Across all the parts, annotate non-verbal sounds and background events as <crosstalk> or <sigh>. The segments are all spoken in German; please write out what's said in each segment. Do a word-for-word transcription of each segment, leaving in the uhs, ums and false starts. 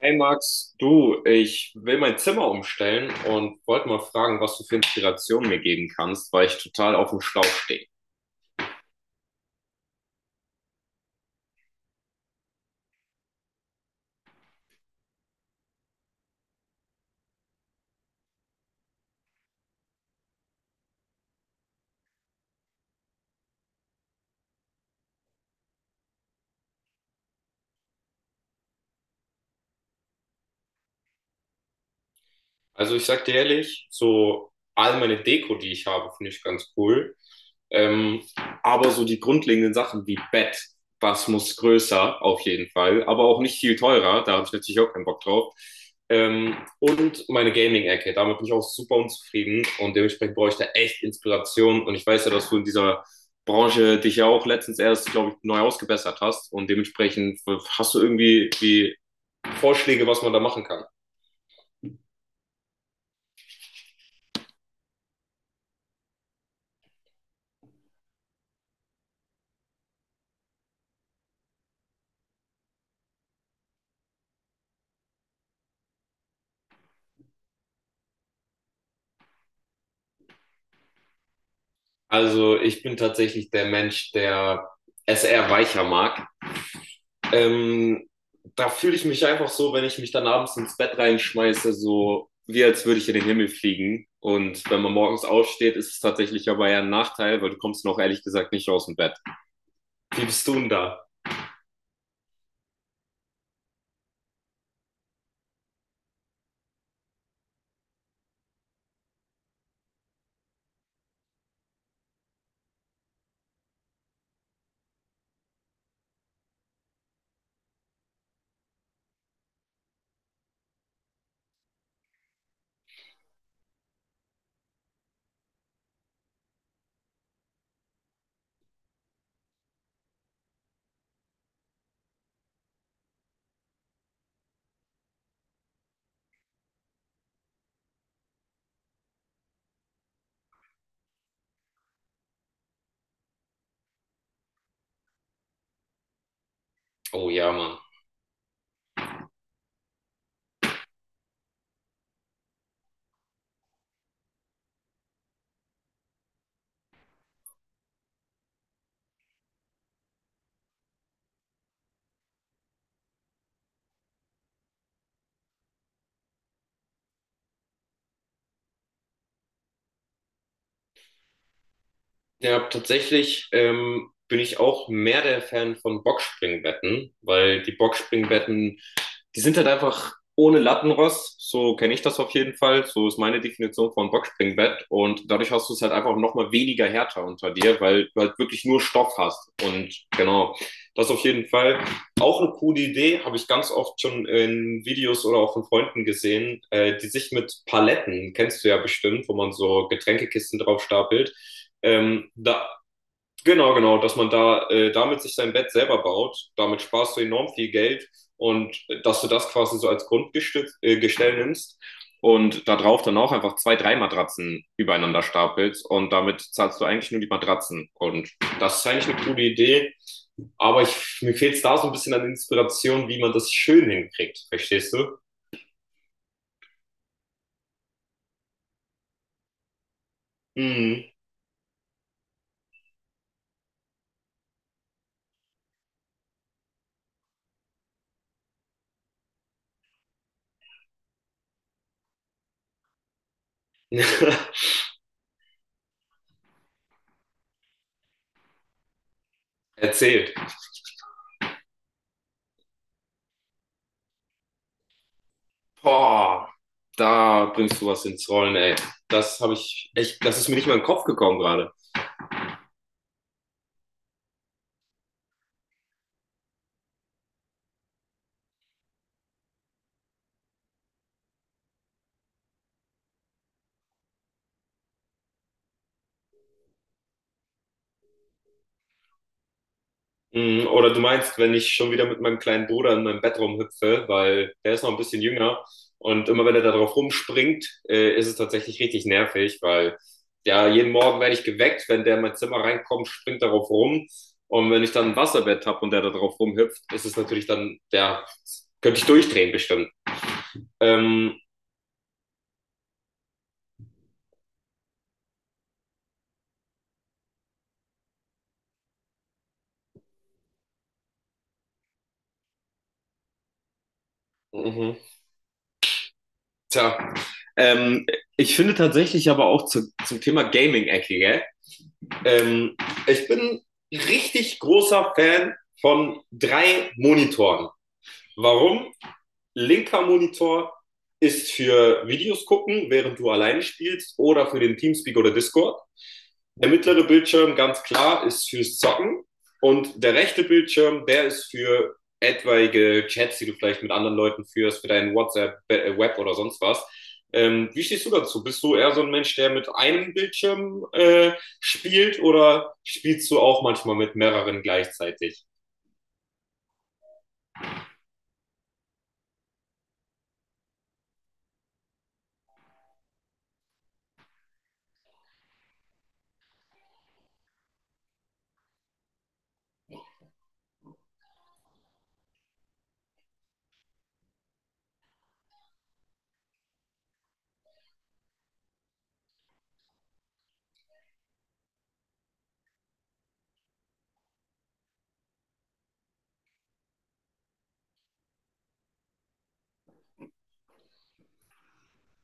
Hey Max, du, ich will mein Zimmer umstellen und wollte mal fragen, was du für Inspiration mir geben kannst, weil ich total auf dem Schlauch stehe. Also ich sag dir ehrlich, so all meine Deko, die ich habe, finde ich ganz cool. Ähm, aber so die grundlegenden Sachen wie Bett, was muss größer auf jeden Fall, aber auch nicht viel teurer, da habe ich natürlich auch keinen Bock drauf. Ähm, und meine Gaming-Ecke, damit bin ich auch super unzufrieden und dementsprechend brauche ich da echt Inspiration, und ich weiß ja, dass du in dieser Branche dich ja auch letztens erst, glaube ich, neu ausgebessert hast, und dementsprechend hast du irgendwie die Vorschläge, was man da machen kann. Also ich bin tatsächlich der Mensch, der es eher weicher mag. Ähm, Da fühle ich mich einfach so, wenn ich mich dann abends ins Bett reinschmeiße, so wie als würde ich in den Himmel fliegen. Und wenn man morgens aufsteht, ist es tatsächlich aber eher ein Nachteil, weil du kommst noch ehrlich gesagt nicht aus dem Bett. Wie bist du denn da? Oh ja, Mann. Ja, tatsächlich ähm, bin ich auch mehr der Fan von Boxspringbetten, weil die Boxspringbetten die sind halt einfach ohne Lattenrost, so kenne ich das auf jeden Fall, so ist meine Definition von Boxspringbett, und dadurch hast du es halt einfach nochmal weniger härter unter dir, weil du halt wirklich nur Stoff hast und genau, das auf jeden Fall. Auch eine coole Idee, habe ich ganz oft schon in Videos oder auch von Freunden gesehen, äh, die sich mit Paletten, kennst du ja bestimmt, wo man so Getränkekisten drauf stapelt, ähm, da Genau, genau, dass man da äh, damit sich sein Bett selber baut, damit sparst du enorm viel Geld, und äh, dass du das quasi so als Grundgestell äh, Gestell nimmst und da drauf dann auch einfach zwei, drei Matratzen übereinander stapelst, und damit zahlst du eigentlich nur die Matratzen, und das ist eigentlich eine coole Idee, aber ich, mir fehlt es da so ein bisschen an Inspiration, wie man das schön hinkriegt, verstehst du? Mhm. <laughs> Erzählt. Boah, da bringst du was ins Rollen, ey. Das habe ich echt, das ist mir nicht mal in den Kopf gekommen gerade. Mm. Oder du meinst, wenn ich schon wieder mit meinem kleinen Bruder in meinem Bett rumhüpfe, weil der ist noch ein bisschen jünger, und immer wenn er da drauf rumspringt, äh, ist es tatsächlich richtig nervig, weil ja, jeden Morgen werde ich geweckt, wenn der in mein Zimmer reinkommt, springt darauf rum, und wenn ich dann ein Wasserbett habe und der da drauf rumhüpft, ist es natürlich dann, ja, könnte ich durchdrehen bestimmt. Ähm, mhm. Tja, ähm, Ich finde tatsächlich aber auch zu, zum Thema Gaming-Ecke, gell? Ähm, Ich bin richtig großer Fan von drei Monitoren. Warum? Linker Monitor ist für Videos gucken, während du alleine spielst, oder für den Teamspeak oder Discord. Der mittlere Bildschirm, ganz klar, ist fürs Zocken. Und der rechte Bildschirm, der ist für etwaige Chats, die du vielleicht mit anderen Leuten führst, für deinen WhatsApp, äh, Web oder sonst was. Ähm, wie stehst du dazu? Bist du eher so ein Mensch, der mit einem Bildschirm äh, spielt, oder spielst du auch manchmal mit mehreren gleichzeitig?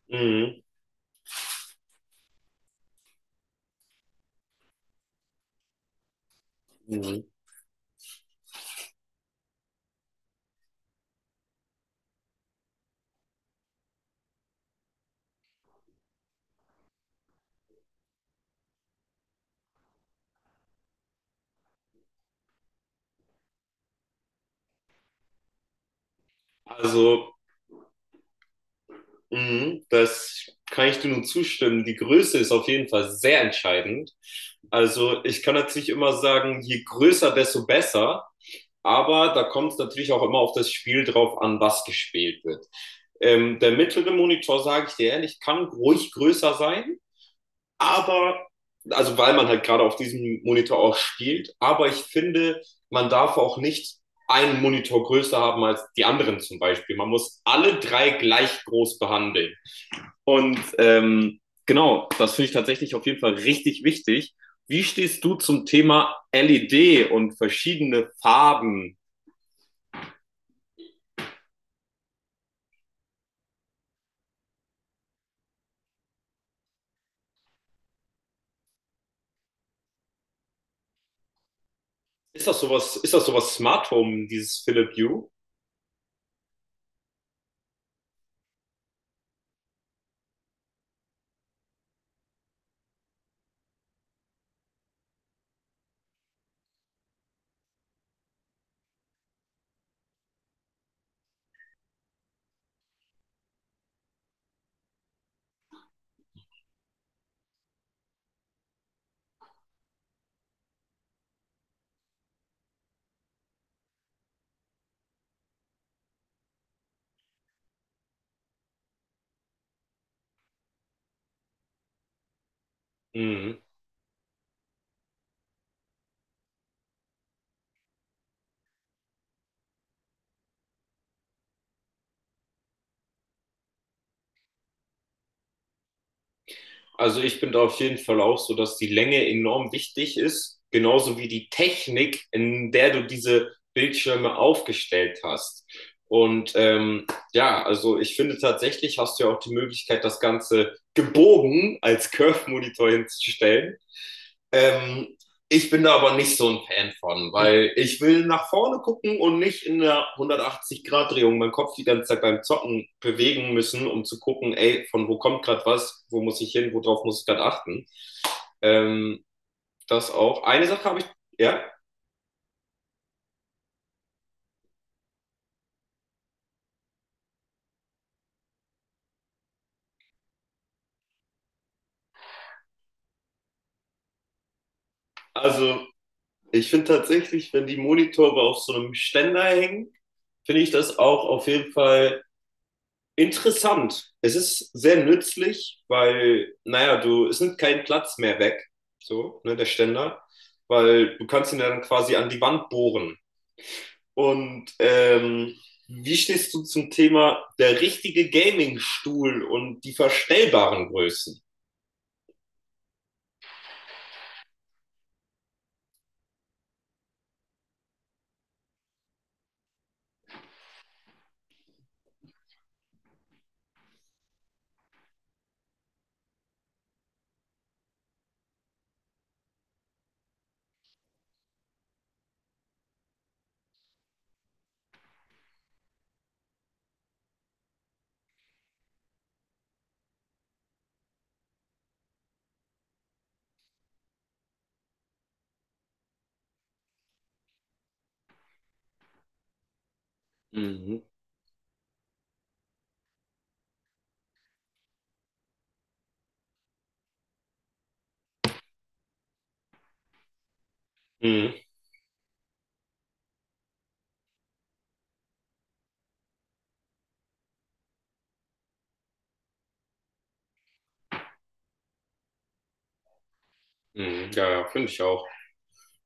Mhm. Mhm. Also mhm, das kann ich dir nur zustimmen. Die Größe ist auf jeden Fall sehr entscheidend. Also ich kann natürlich immer sagen, je größer, desto besser. Aber da kommt es natürlich auch immer auf das Spiel drauf an, was gespielt wird. Ähm, der mittlere Monitor, sage ich dir ehrlich, kann ruhig größer sein, aber, also weil man halt gerade auf diesem Monitor auch spielt, aber ich finde, man darf auch nicht einen Monitor größer haben als die anderen zum Beispiel. Man muss alle drei gleich groß behandeln. Und ähm, genau, das finde ich tatsächlich auf jeden Fall richtig wichtig. Wie stehst du zum Thema L E D und verschiedene Farben? Ist das sowas, ist das sowas Smart Home, dieses Philips Hue? Mhm. Also ich bin da auf jeden Fall auch so, dass die Länge enorm wichtig ist, genauso wie die Technik, in der du diese Bildschirme aufgestellt hast. Und ähm, ja, also ich finde, tatsächlich hast du ja auch die Möglichkeit, das Ganze gebogen als Curve-Monitor hinzustellen. Ähm, Ich bin da aber nicht so ein Fan von, weil ich will nach vorne gucken und nicht in der hundertachtzig-Grad-Drehung meinen Kopf die ganze Zeit beim Zocken bewegen müssen, um zu gucken, ey, von wo kommt gerade was, wo muss ich hin, worauf muss ich gerade achten. Ähm, Das auch. Eine Sache habe ich, ja, also ich finde tatsächlich, wenn die Monitore auf so einem Ständer hängen, finde ich das auch auf jeden Fall interessant. Es ist sehr nützlich, weil, naja, du, es nimmt keinen Platz mehr weg, so, ne, der Ständer, weil du kannst ihn dann quasi an die Wand bohren. Und ähm, wie stehst du zum Thema der richtige Gaming-Stuhl und die verstellbaren Größen? Mhm. Mhm. Mhm. Ja, ja, finde ich auch.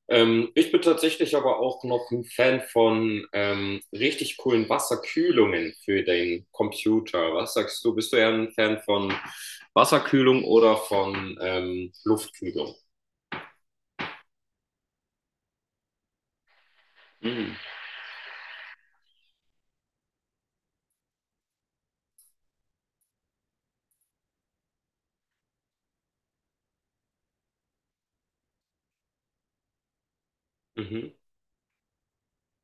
Ähm, ich bin tatsächlich aber auch noch ein Fan von ähm, richtig coolen Wasserkühlungen für den Computer. Was sagst du? Bist du eher ein Fan von Wasserkühlung oder von ähm, Luftkühlung? Mhm. Mhm.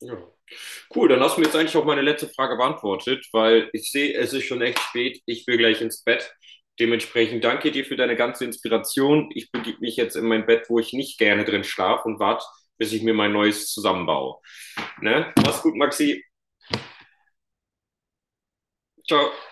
Ja. Cool, dann hast du mir jetzt eigentlich auch meine letzte Frage beantwortet, weil ich sehe, es ist schon echt spät. Ich will gleich ins Bett. Dementsprechend danke dir für deine ganze Inspiration. Ich begebe mich jetzt in mein Bett, wo ich nicht gerne drin schlafe, und warte, bis ich mir mein neues zusammenbaue. Ne? Mach's gut, Maxi. Ciao.